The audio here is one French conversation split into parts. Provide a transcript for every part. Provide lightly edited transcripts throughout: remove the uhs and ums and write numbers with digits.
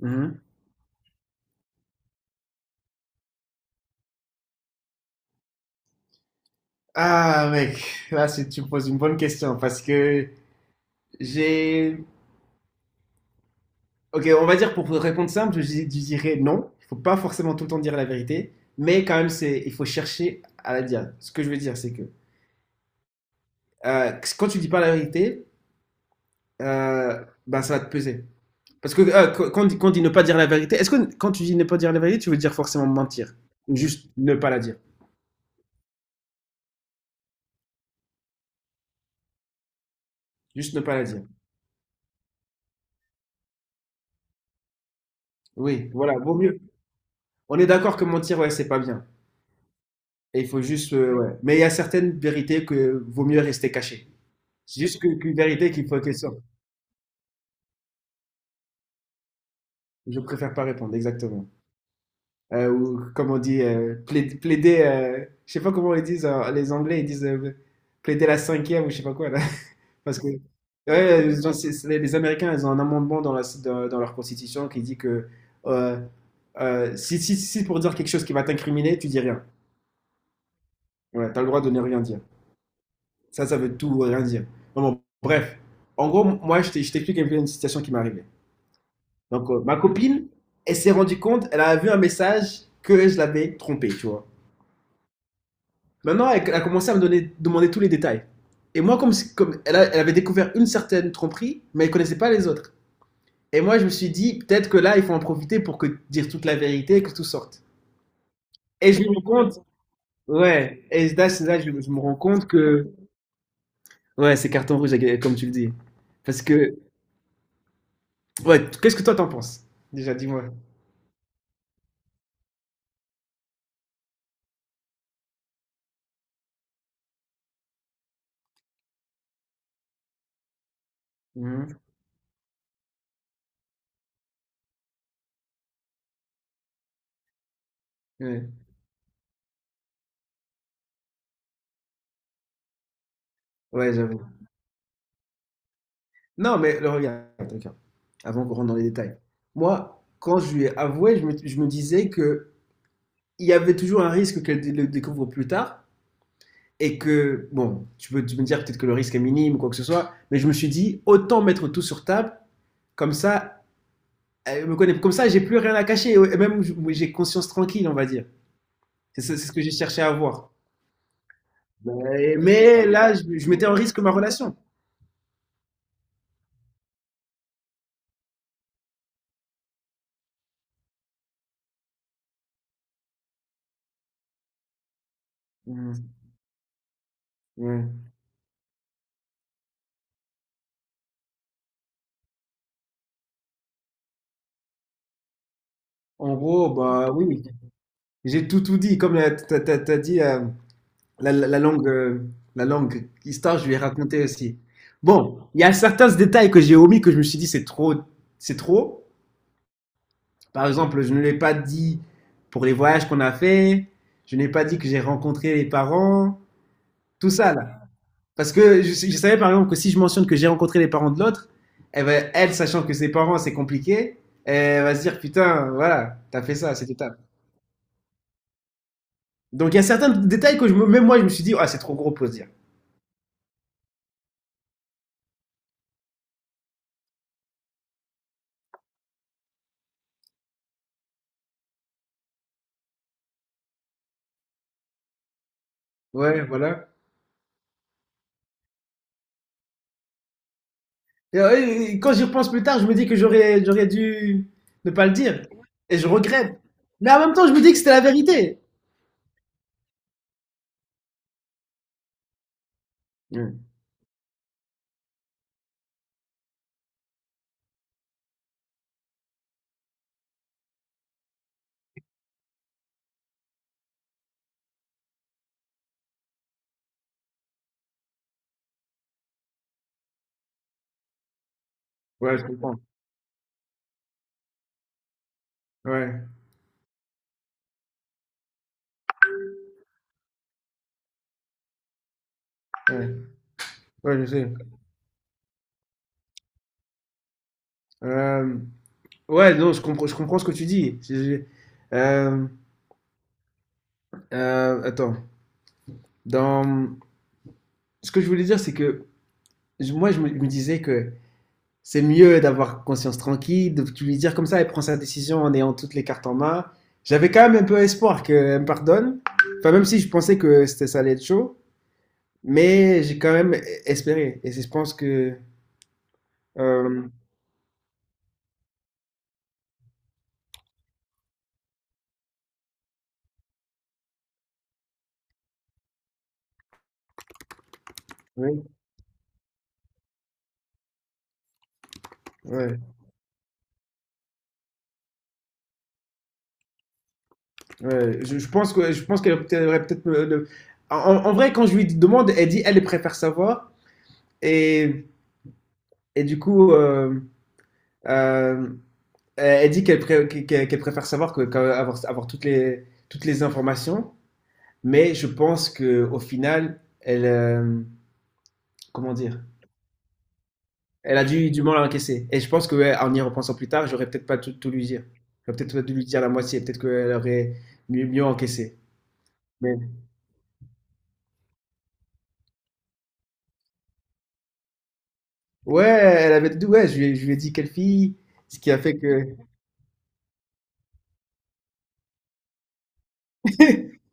Mhm. Ah, mec, tu me poses une bonne question parce que j'ai. Ok, on va dire pour répondre simple, je dirais non. Il faut pas forcément tout le temps dire la vérité, mais quand même, il faut chercher à la dire. Ce que je veux dire, c'est que euh, quand tu dis pas la vérité, ben, ça va te peser. Parce que quand on dit, quand on dit ne pas dire la vérité, est-ce que quand tu dis ne pas dire la vérité, tu veux dire forcément mentir? Ou juste ne pas la dire? Juste ne pas la dire. Oui, voilà, vaut mieux. On est d'accord que mentir, ouais, c'est pas bien. Et il faut juste, ouais. Mais il y a certaines vérités que vaut mieux rester cachées. Qu'une vérité qu'il faut qu'elle sorte. Je préfère pas répondre, exactement. Ou comme on dit, plaider, je sais pas comment ils disent, les Anglais, ils disent plaider la cinquième ou je sais pas quoi, là. Parce que ouais, genre, les Américains, ils ont un amendement dans, dans, dans leur constitution qui dit que euh, si pour dire quelque chose qui va t'incriminer, tu dis rien. Ouais, t'as le droit de ne rien dire. Ça veut tout rien dire. Non, bon, bref. En gros, moi, je t'explique un peu une situation qui m'est arrivée. Donc, ma copine, elle s'est rendue compte, elle a vu un message que je l'avais trompée, tu vois. Maintenant, elle a commencé à me donner, demander tous les détails. Et moi, comme, si- comme elle avait découvert une certaine tromperie, mais elle connaissait pas les autres. Et moi, je me suis dit, peut-être que là, il faut en profiter pour que dire toute la vérité et que tout sorte. Et je me rends compte, ouais, et là, je me rends compte que, ouais, c'est carton rouge, comme tu le dis. Parce que ouais, qu'est-ce que toi t'en penses? Déjà, dis-moi. Mhm. Ouais, ouais, j'avoue. Non, mais le regarde, regarde, avant qu'on rentre dans les détails. Moi, quand je lui ai avoué, je me disais que il y avait toujours un risque le découvre plus tard et que, bon, tu peux me dire peut-être que le risque est minime ou quoi que ce soit, mais je me suis dit, autant mettre tout sur table, comme ça, elle me connaît, comme ça, j'ai plus rien à cacher et même j'ai conscience tranquille, on va dire. C'est ce que j'ai cherché à avoir. Mais là, je mettais en risque ma relation. Mmh, ouais. En gros, bah oui, j'ai tout tout dit. Comme t'as dit, la, la- la langue, euh, la langue histoire, je lui ai raconté aussi. Bon, il y a certains détails que j'ai omis que je me suis dit c'est trop, c'est trop. Par exemple, je ne l'ai pas dit pour les voyages qu'on a fait. Je n'ai pas dit que j'ai rencontré les parents. Tout ça là. Parce que je savais par exemple que si je mentionne que j'ai rencontré les parents de l'autre, elle, sachant que ses parents, c'est compliqué, elle va se dire putain, voilà, t'as fait ça, c'était top. Donc il y a certains détails que même moi, je me suis dit, ah, c'est trop gros pour se dire. Ouais, voilà. Et, et quand j'y repense plus tard, je me dis que j'aurais dû ne pas le dire. Et je regrette. Mais en même temps, je me dis que c'était la vérité. Ouais, ouais, je comprends. Ouais, ouais, ouais, je sais. Euh, ouais, non, je comprends ce que tu dis. Euh, attends. Dans... Ce que je voulais dire, c'est que je me disais que c'est mieux d'avoir conscience tranquille, de tu lui dire comme ça, elle prend sa décision en ayant toutes les cartes en main. J'avais quand même un peu espoir qu'elle me pardonne. Enfin, même si je pensais que c'était ça allait être chaud, mais j'ai quand même espéré. Et c'est- je pense que. Euh, oui, ouais, ouais. Je pense qu'elle elle aurait En, en vrai, quand je lui demande, elle dit elle préfère savoir. Et, et du coup, euh, elle dit qu'elle préfère savoir que, avoir toutes les informations, mais je pense que au final, elle, comment dire, elle a du mal à encaisser. Et je pense que ouais, en y repensant plus tard, j'aurais peut-être pas tout, tout lui dire. J'aurais peut-être pas dû lui dire la moitié. Peut-être qu'elle aurait mieux, mieux encaissé. Mais ouais, elle avait dit ouais, je lui ai dit quelle fille, ce qui a fait que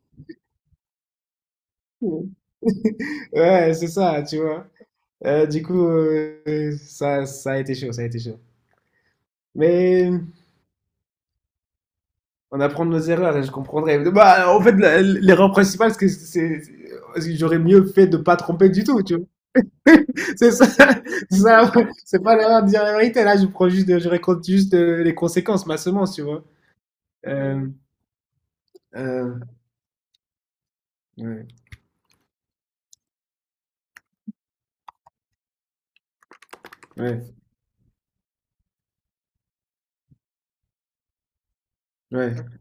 ouais, c'est ça, tu vois. Ça, ça a été chaud, ça a été chaud. Mais on apprend de nos erreurs et je comprendrai. Bah, en fait, l'erreur principale, c'est que j'aurais mieux fait de pas tromper du tout, tu vois. C'est ça, c'est ça, c'est pas l'erreur de dire la vérité. Là, je prends juste, je raconte juste les conséquences, ma semence, tu vois. Euh, euh, ouais, ouais, ouais.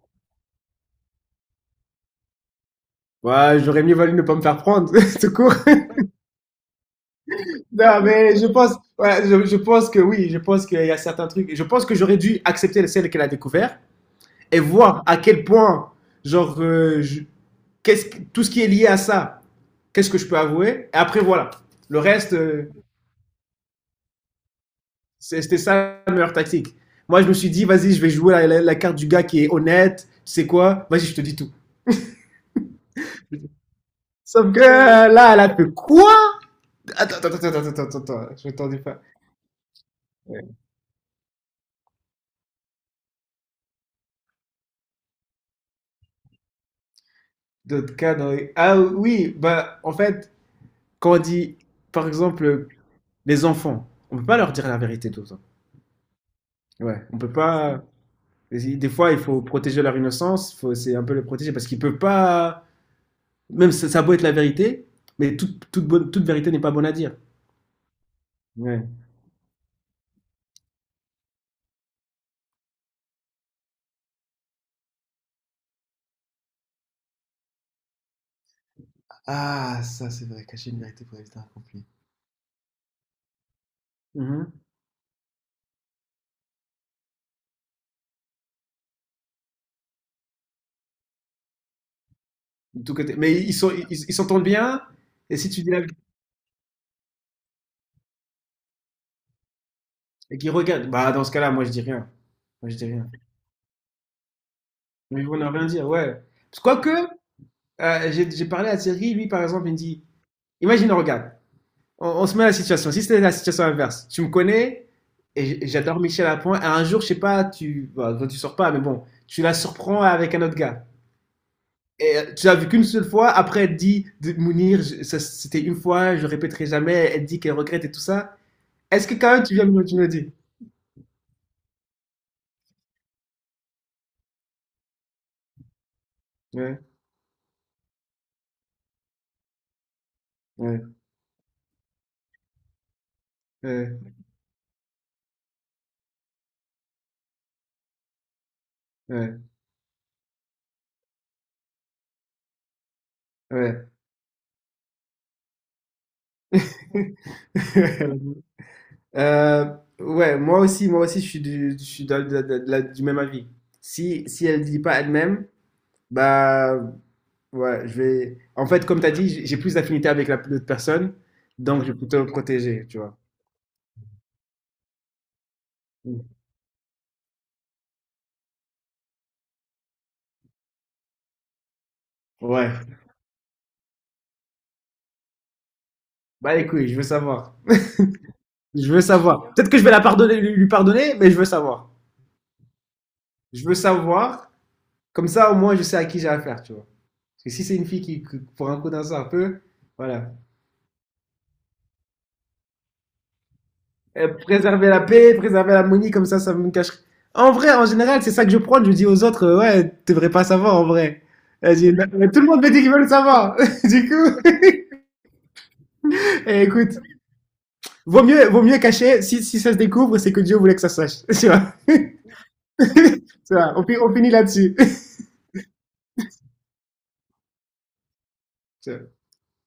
Ouais, j'aurais mieux valu ne pas me faire prendre, tout court. Non, mais je pense, voilà, je pense que oui, je pense qu'il y a certains trucs. Je pense que j'aurais dû accepter celle qu'elle a découvert et voir à quel point, genre, qu'est-ce tout ce qui est lié à ça, qu'est-ce que je peux avouer. Et après, voilà. Le reste, c'était ça la meilleure tactique. Moi, je me suis dit, vas-y, je vais jouer la carte du gars qui est honnête. Tu sais quoi. Vas-y, je te dis tout. Sauf que là, elle a fait quoi. Attends, attends, attends, attends, attends, attends, je m'attendais pas. Ouais. D'autres cas, ah oui, bah, en fait, quand on dit, par exemple, les enfants, on peut pas leur dire la vérité tout le temps. Ouais, on peut pas. Des fois, il faut protéger leur innocence, faut... c'est un peu les protéger parce qu'ils peuvent pas. Même ça, ça a beau être la vérité, mais toute vérité n'est pas bonne à dire. Ouais. Ah, ça c'est vrai, cacher une vérité pour éviter un conflit. Mhm. De tous côtés. Mais ils s'entendent bien. Et si tu dis la vérité et qu'ils regardent, bah dans ce cas-là, moi je dis rien. Moi je dis rien. Mais ils vont ne rien dire, ouais. Parce que, quoique, j'ai parlé à Thierry, lui par exemple, il me dit, imagine, regarde, on se met à la situation. Si c'était la situation inverse, tu me connais et j'adore Michel Lapointe. Et un jour, je sais pas, toi, tu sors pas, mais bon, tu la surprends avec un autre gars. Et tu l'as vu qu'une seule fois, après elle dit, de Mounir, ça, c'était une fois, je répéterai jamais, elle dit qu'elle regrette et tout ça. Est-ce que quand même tu me le dis? Ouais, ouais, ouais, ouais, ouais. Euh, ouais, moi aussi, je suis du même avis. Si elle ne dit pas elle-même, bah ouais, je vais. En fait, comme tu as dit, j'ai plus d'affinité avec l'autre personne, donc je vais plutôt me protéger, tu vois. Ouais. Bah écoute, je veux savoir. Je veux savoir. Peut-être que je vais la pardonner, lui pardonner, mais je veux savoir. Je veux savoir. Comme ça, au moins, je sais à qui j'ai affaire, tu vois. Parce que si c'est une fille pour un coup d'un sort un peu, voilà. Préserver la paix, préserver l'harmonie, comme ça me cache. En vrai, en général, c'est ça que je prends. Je dis aux autres, ouais, tu devrais pas savoir, en vrai. Elle dit, mais tout le monde me dit qu'ils veulent savoir. Du coup, eh, écoute, vaut mieux cacher. Si ça se découvre, c'est que Dieu voulait que ça se sache. Tu vois. Tu vois, on finit là-dessus. Tu vois.